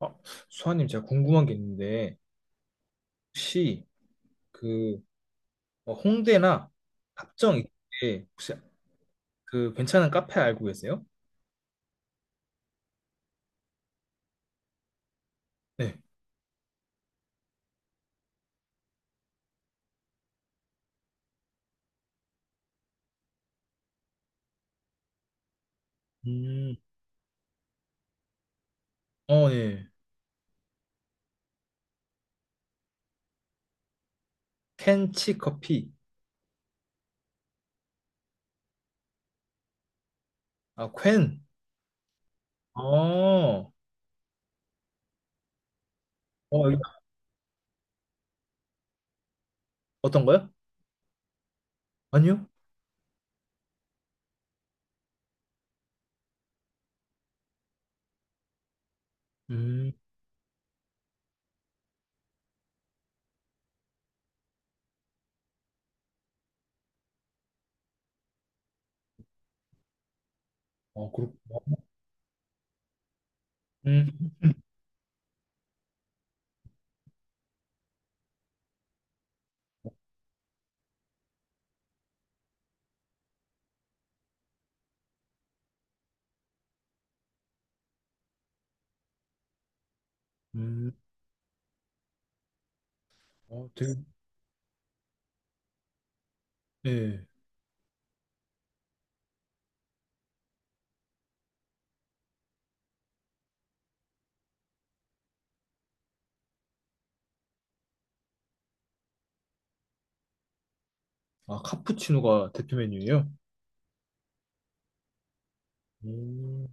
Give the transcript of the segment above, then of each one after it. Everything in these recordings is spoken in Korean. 아, 수아님, 제가 궁금한 게 있는데, 혹시 그 홍대나 합정 이쪽에 혹시 그 괜찮은 카페 알고 계세요? 네. 음, 어, 네. 켄치 커피. 아, 퀸. 어, 어, 여기 어떤거요? 아니요. 음, 어, 그렇구나. 음, 음, 어, 되게, 네. 아, 카푸치노가 대표 메뉴예요? 음,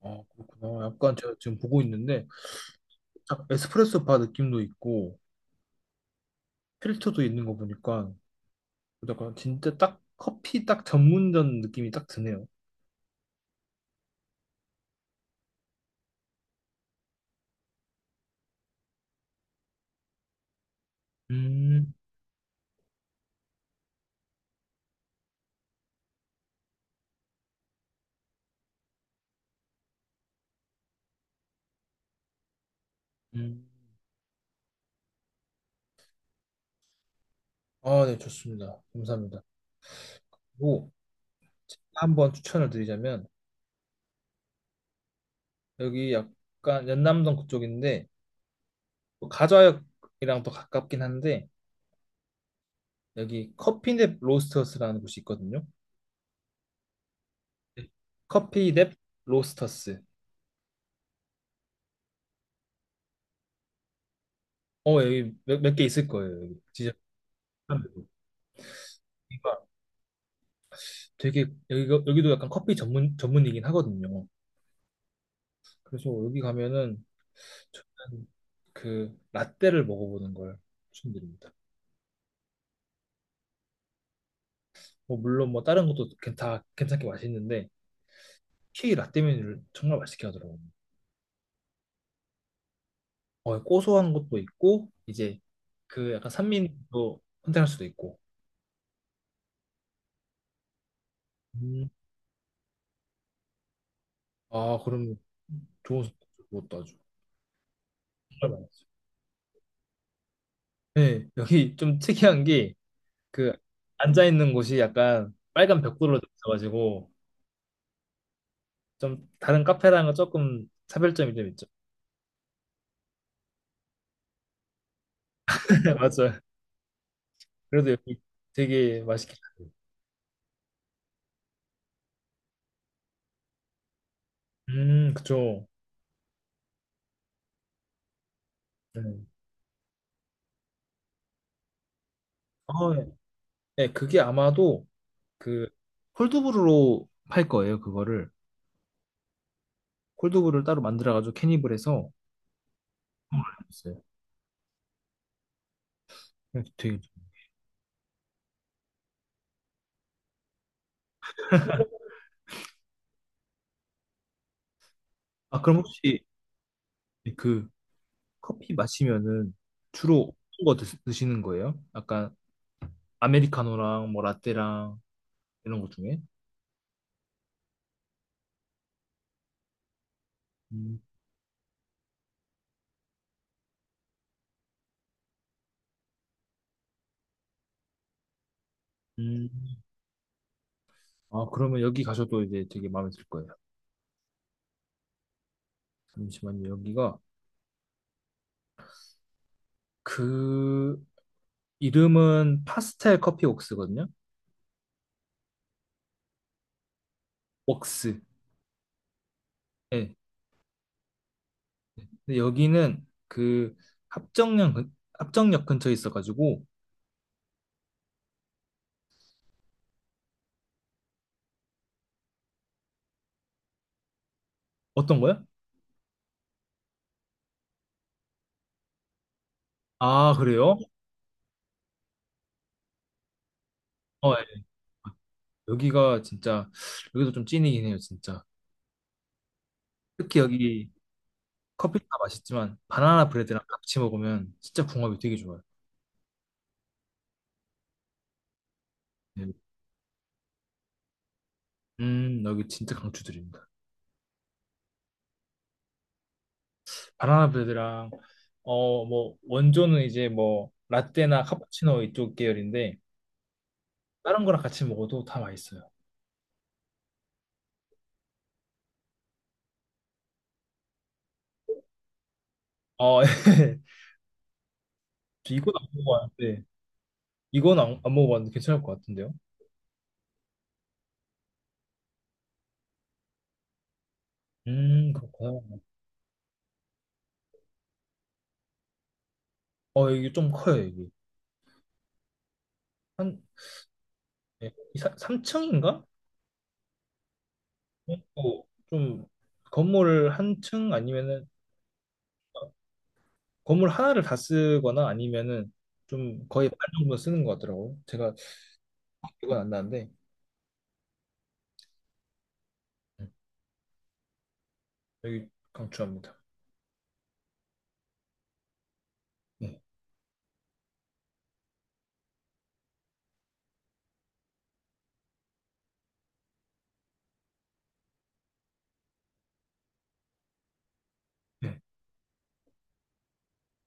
아, 그렇구나. 약간 제가 지금 보고 있는데, 딱 에스프레소 바 느낌도 있고, 필터도 있는 거 보니까 약간 진짜 딱 커피 딱 전문점 느낌이 딱 드네요. 음, 음. 아, 네, 좋습니다. 감사합니다. 그리고 제가 한번 추천을 드리자면 여기 약간 연남동 그쪽인데 뭐 가좌역이랑 또 가깝긴 한데 여기 커피넵 로스터스라는 곳이 있거든요. 네. 커피넵 로스터스. 어, 여기 몇 개 있을 거예요. 여기 진짜 여기가 되게 여기도 약간 커피 전문 전문이긴 하거든요. 그래서 여기 가면은 저는 그 라떼를 먹어보는 걸 추천드립니다. 뭐 물론 뭐 다른 것도 다 괜찮게 맛있는데 특히 라떼 메뉴를 정말 맛있게 하더라고요. 어, 고소한 것도 있고 이제 그 약간 산미도 선택할 수도 있고. 음. 아 그럼 좋은 것도 아주 정말 맛있어요. 네, 여기 좀 특이한 게 그 앉아 있는 곳이 약간 빨간 벽돌로 돼 있어가지고 좀 다른 카페랑은 조금 차별점이 좀 있죠. 맞아요. 그래도 여기 되게 맛있게. 그쵸. 네. 아, 네, 그게 아마도 그 콜드브루로 팔 거예요, 그거를. 콜드브루를 따로 만들어가지고 캐닙을 해서 있어요. 네, 되게. 아, 그럼 혹시 그 커피 마시면은 주로 어떤 거 드시는 거예요? 약간 아메리카노랑 뭐 라떼랑 이런 것 중에? 음, 음. 아, 그러면 여기 가셔도 이제 되게 마음에 들 거예요. 잠시만요. 여기가 그 이름은 파스텔 커피 웍스거든요. 웍스. 예. 근데 여기는 그 합정역 근처에 있어가지고 어떤 거야? 아 그래요? 어, 예. 여기가 진짜 여기도 좀 찐이긴 해요 진짜. 특히 여기 커피도 맛있지만 바나나 브레드랑 같이 먹으면 진짜 궁합이 되게 좋아요. 네. 음, 여기 진짜 강추드립니다. 바나나 브레드랑 뭐 원조는 이제 뭐 라떼나 카푸치노 이쪽 계열인데 다른 거랑 같이 먹어도 다 맛있어요. 어, 저 이건 안 먹어봤는데 이건 안 먹어봤는데 괜찮을 것 같은데요? 그렇구나. 어, 이게 좀 커요, 이게. 한, 예, 3층인가? 또 좀, 건물 한 층 아니면은, 어, 건물 하나를 다 쓰거나 아니면은, 좀 거의 반 정도 쓰는 것 같더라고요. 제가 이건 안 나는데, 음, 여기 강추합니다. 네. 네.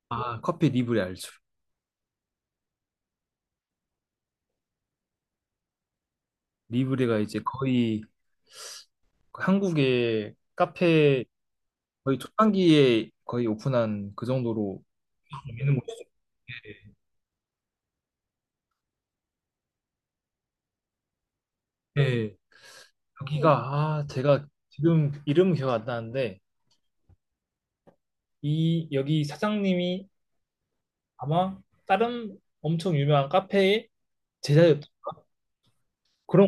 아, 커피 리브레 알죠. 리브레가 이제 거의 한국의 카페 거의 초창기에 거의 오픈한 그 정도로 있는 곳이죠. 네. 네. 여기가 네. 아, 제가 지금 이름 기억 안 나는데 이 여기 사장님이 아마 다른 엄청 유명한 카페의 제자였던 그런.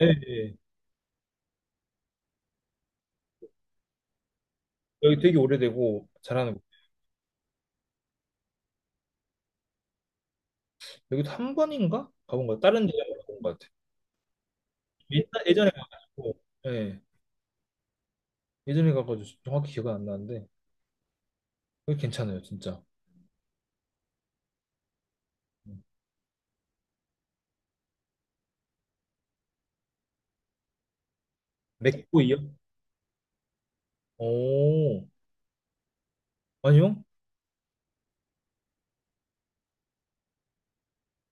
예, 예. 여기 되게 오래되고 잘하는 곳. 여기도 한 번인가 가본 거 다른 데가 가본 것 같아요. 예전에 가가지고. 예. 예전에 가가지고 정확히 기억은 안 나는데 여기 괜찮아요, 진짜. 맥고이요? 오. 아니요?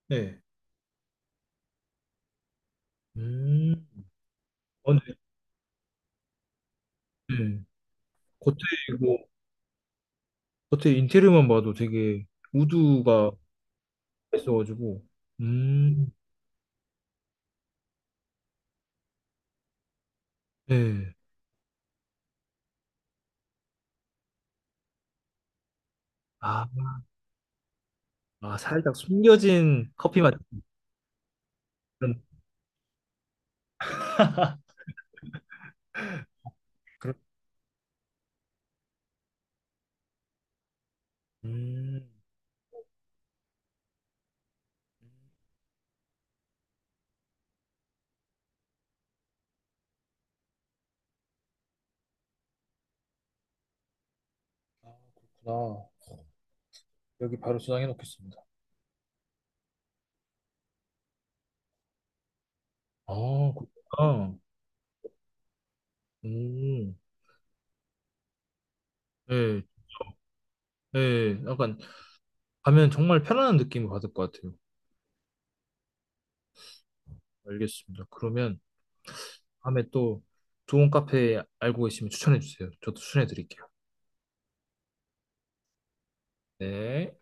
네. 음, 어, 네. 네. 고테이고 겉에 인테리어만 봐도 되게 우드가 있어가지고. 음, 네. 아, 아, 살짝 숨겨진 커피 맛. 그런. 그런. 음. 아, 그렇구나. 여기 바로 저장해 놓겠습니다. 아, 그렇구나. 음. 예, 예. 약간 가면 정말 편안한 느낌을 받을 것 같아요. 알겠습니다. 그러면 다음에 또 좋은 카페 알고 계시면 추천해 주세요. 저도 추천해 드릴게요. 네.